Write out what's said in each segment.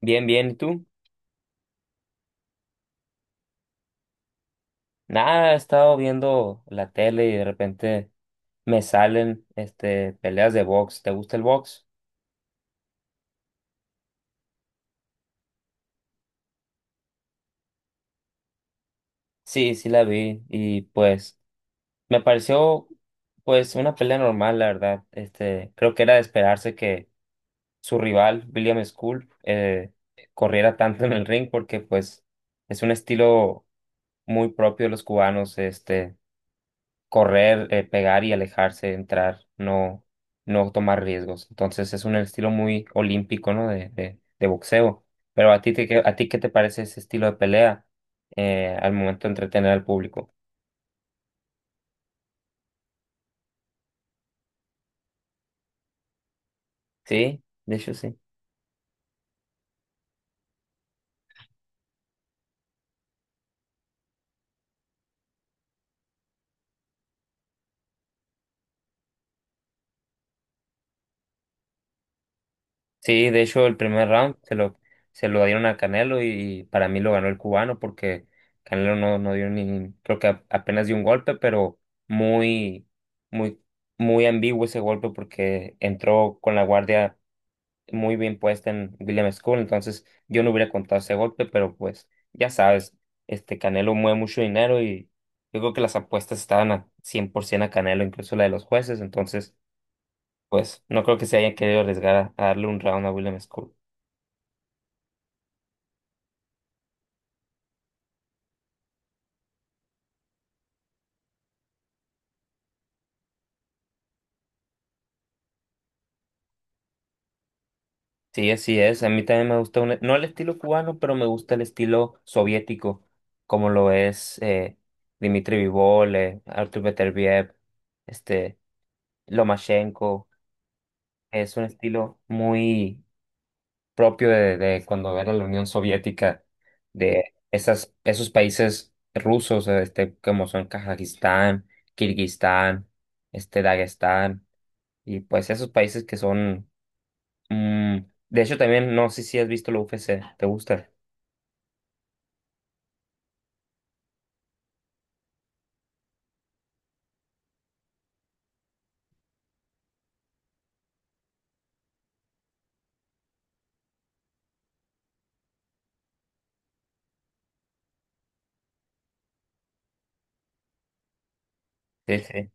Bien, bien, ¿y tú? Nada, he estado viendo la tele y de repente me salen peleas de box. ¿Te gusta el box? Sí, sí la vi y pues me pareció pues una pelea normal, la verdad. Creo que era de esperarse que su rival, William School, corriera tanto en el ring porque pues es un estilo muy propio de los cubanos. Correr, pegar y alejarse, entrar, no, no tomar riesgos. Entonces es un estilo muy olímpico, ¿no? De boxeo. Pero ¿a ti qué te parece ese estilo de pelea al momento de entretener al público? Sí, de hecho sí. Sí, de hecho el primer round se lo dieron a Canelo y para mí lo ganó el cubano porque Canelo no dio ni, creo que apenas dio un golpe, pero muy, muy, muy ambiguo ese golpe porque entró con la guardia muy bien puesta en William School, entonces yo no hubiera contado ese golpe, pero pues ya sabes, este Canelo mueve mucho dinero y yo creo que las apuestas estaban a 100% a Canelo, incluso la de los jueces, entonces pues no creo que se hayan querido arriesgar a darle un round a William School. Sí, así es, a mí también me gusta, no el estilo cubano, pero me gusta el estilo soviético, como lo es Dmitry Bivol, Artur Beterbiev, este, Lomachenko, es un estilo muy propio de cuando era la Unión Soviética, de esas, esos países rusos, como son Kazajistán, Kirguistán, Dagestán, y pues esos países que son, mm, de hecho también, no sé si has visto la UFC, ¿te gusta? Sí, sí.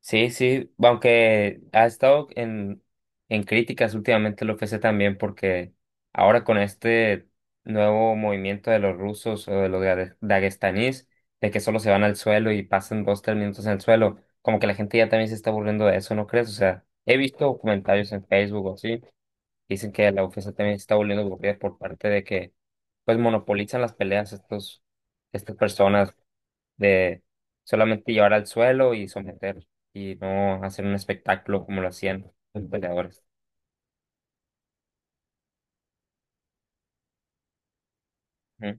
Sí, sí, aunque ha estado en críticas últimamente el UFC también porque ahora con este nuevo movimiento de los rusos o de los daguestanís, de que solo se van al suelo y pasan dos, tres minutos en el suelo, como que la gente ya también se está aburriendo de eso, ¿no crees? O sea, he visto comentarios en Facebook o así, dicen que la UFC también se está volviendo aburrida por parte de que pues monopolizan las peleas estas personas de solamente llevar al suelo y someter y no hacer un espectáculo como lo hacían los peleadores. Ujú.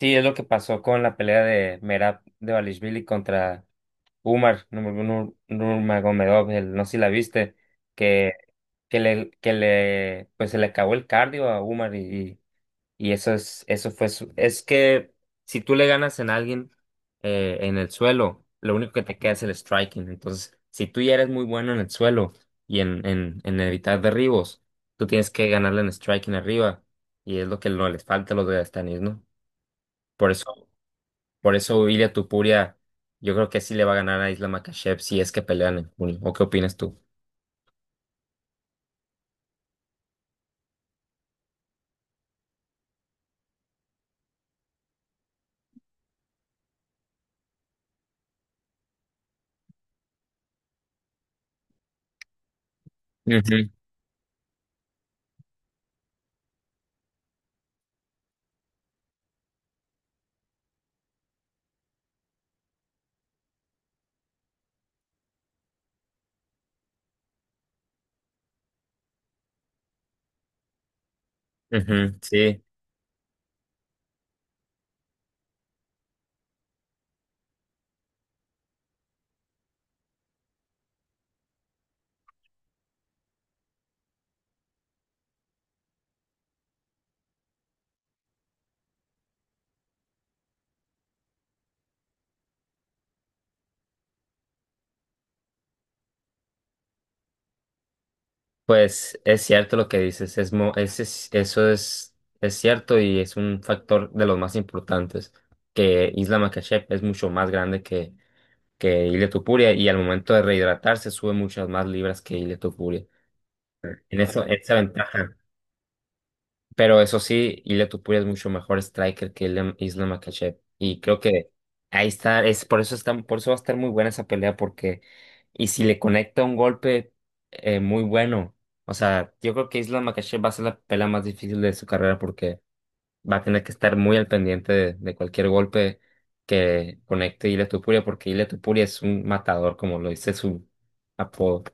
Sí, es lo que pasó con la pelea de Merab Devalishvili contra Umar Nurmagomedov, no sé si la viste, que, que le, pues se le acabó el cardio a Umar y eso fue es que si tú le ganas en alguien en el suelo, lo único que te queda es el striking. Entonces, si tú ya eres muy bueno en el suelo y en evitar derribos, tú tienes que ganarle en striking arriba. Y es lo que no les falta a los Dagestanis, ¿no? Por eso, por eso Ilia Tupuria, yo creo que sí le va a ganar a Isla Makhachev si es que pelean en junio. ¿O qué opinas tú? Ujú, ujú, sí. Pues es cierto lo que dices, es, mo- es- eso es cierto y es un factor de los más importantes, que Isla Makhachev es mucho más grande que Ilia Topuria y al momento de rehidratarse sube muchas más libras que Ilia Topuria. En eso, esa ventaja. Pero eso sí, Ilia Topuria es mucho mejor striker que Islam Makhachev. Y creo que ahí está, es por eso está, por eso va a estar muy buena esa pelea, porque y si le conecta un golpe muy bueno, o sea, yo creo que Islam Makhachev va a ser la pelea más difícil de su carrera porque va a tener que estar muy al pendiente de cualquier golpe que conecte Ilia Topuria, porque Ilia Topuria es un matador, como lo dice su apodo,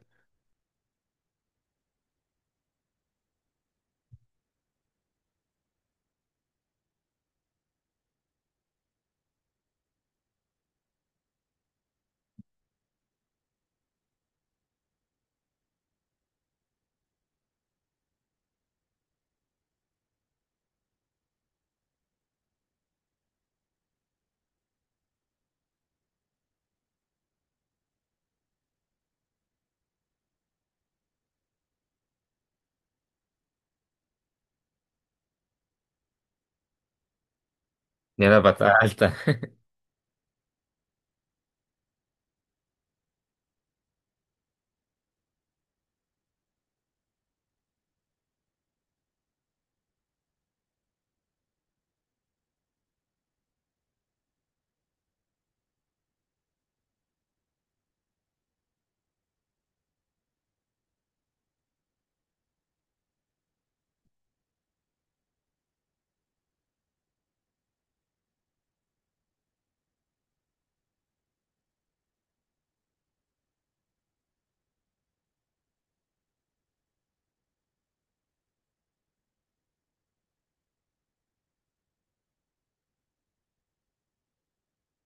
de la patada alta.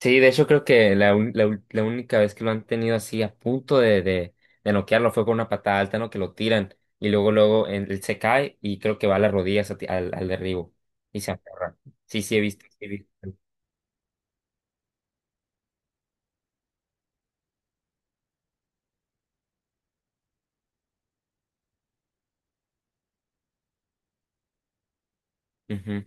Sí, de hecho creo que la, un- la, ul- la única vez que lo han tenido así a punto de noquearlo fue con una patada alta, ¿no? Que lo tiran y luego luego él se cae y creo que va a las rodillas a al derribo y se aferra. Sí, sí he visto, sí he visto. Ujú.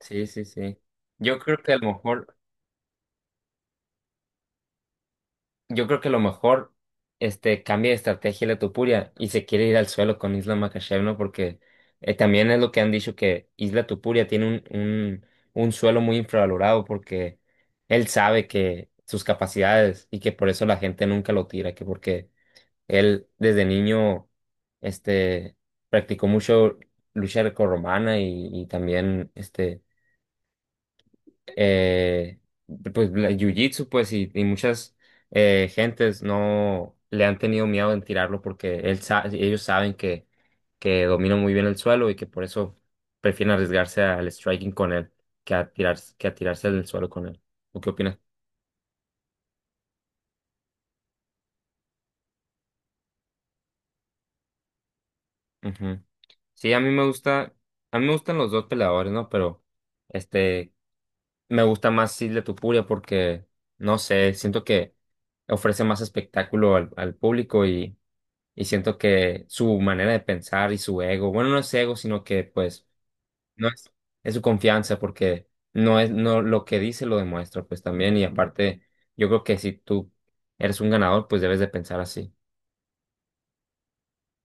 Sí, sí, sí. Yo creo que a lo mejor Yo creo que lo mejor, cambia de estrategia Letopuria y se quiere ir al suelo con Isla Makashevna porque también es lo que han dicho que Isla Tupuria tiene un suelo muy infravalorado porque él sabe que sus capacidades y que por eso la gente nunca lo tira, que porque él desde niño, este, practicó mucho lucha grecorromana y también, eh, pues jiu-jitsu pues y muchas gentes no le han tenido miedo en tirarlo porque ellos saben que domina muy bien el suelo y que por eso prefieren arriesgarse al striking con él que a tirar, que a tirarse al suelo con él. ¿O qué opinas? Ujú. Sí, a mí me gusta, a mí me gustan los dos peleadores, ¿no? Pero, este, me gusta más Silvia Tupuria porque, no sé, siento que ofrece más espectáculo al, al público y siento que su manera de pensar y su ego, bueno, no es ego, sino que, pues, no es, es su confianza porque no es, no, lo que dice lo demuestra, pues, también. Y aparte, yo creo que si tú eres un ganador, pues debes de pensar así.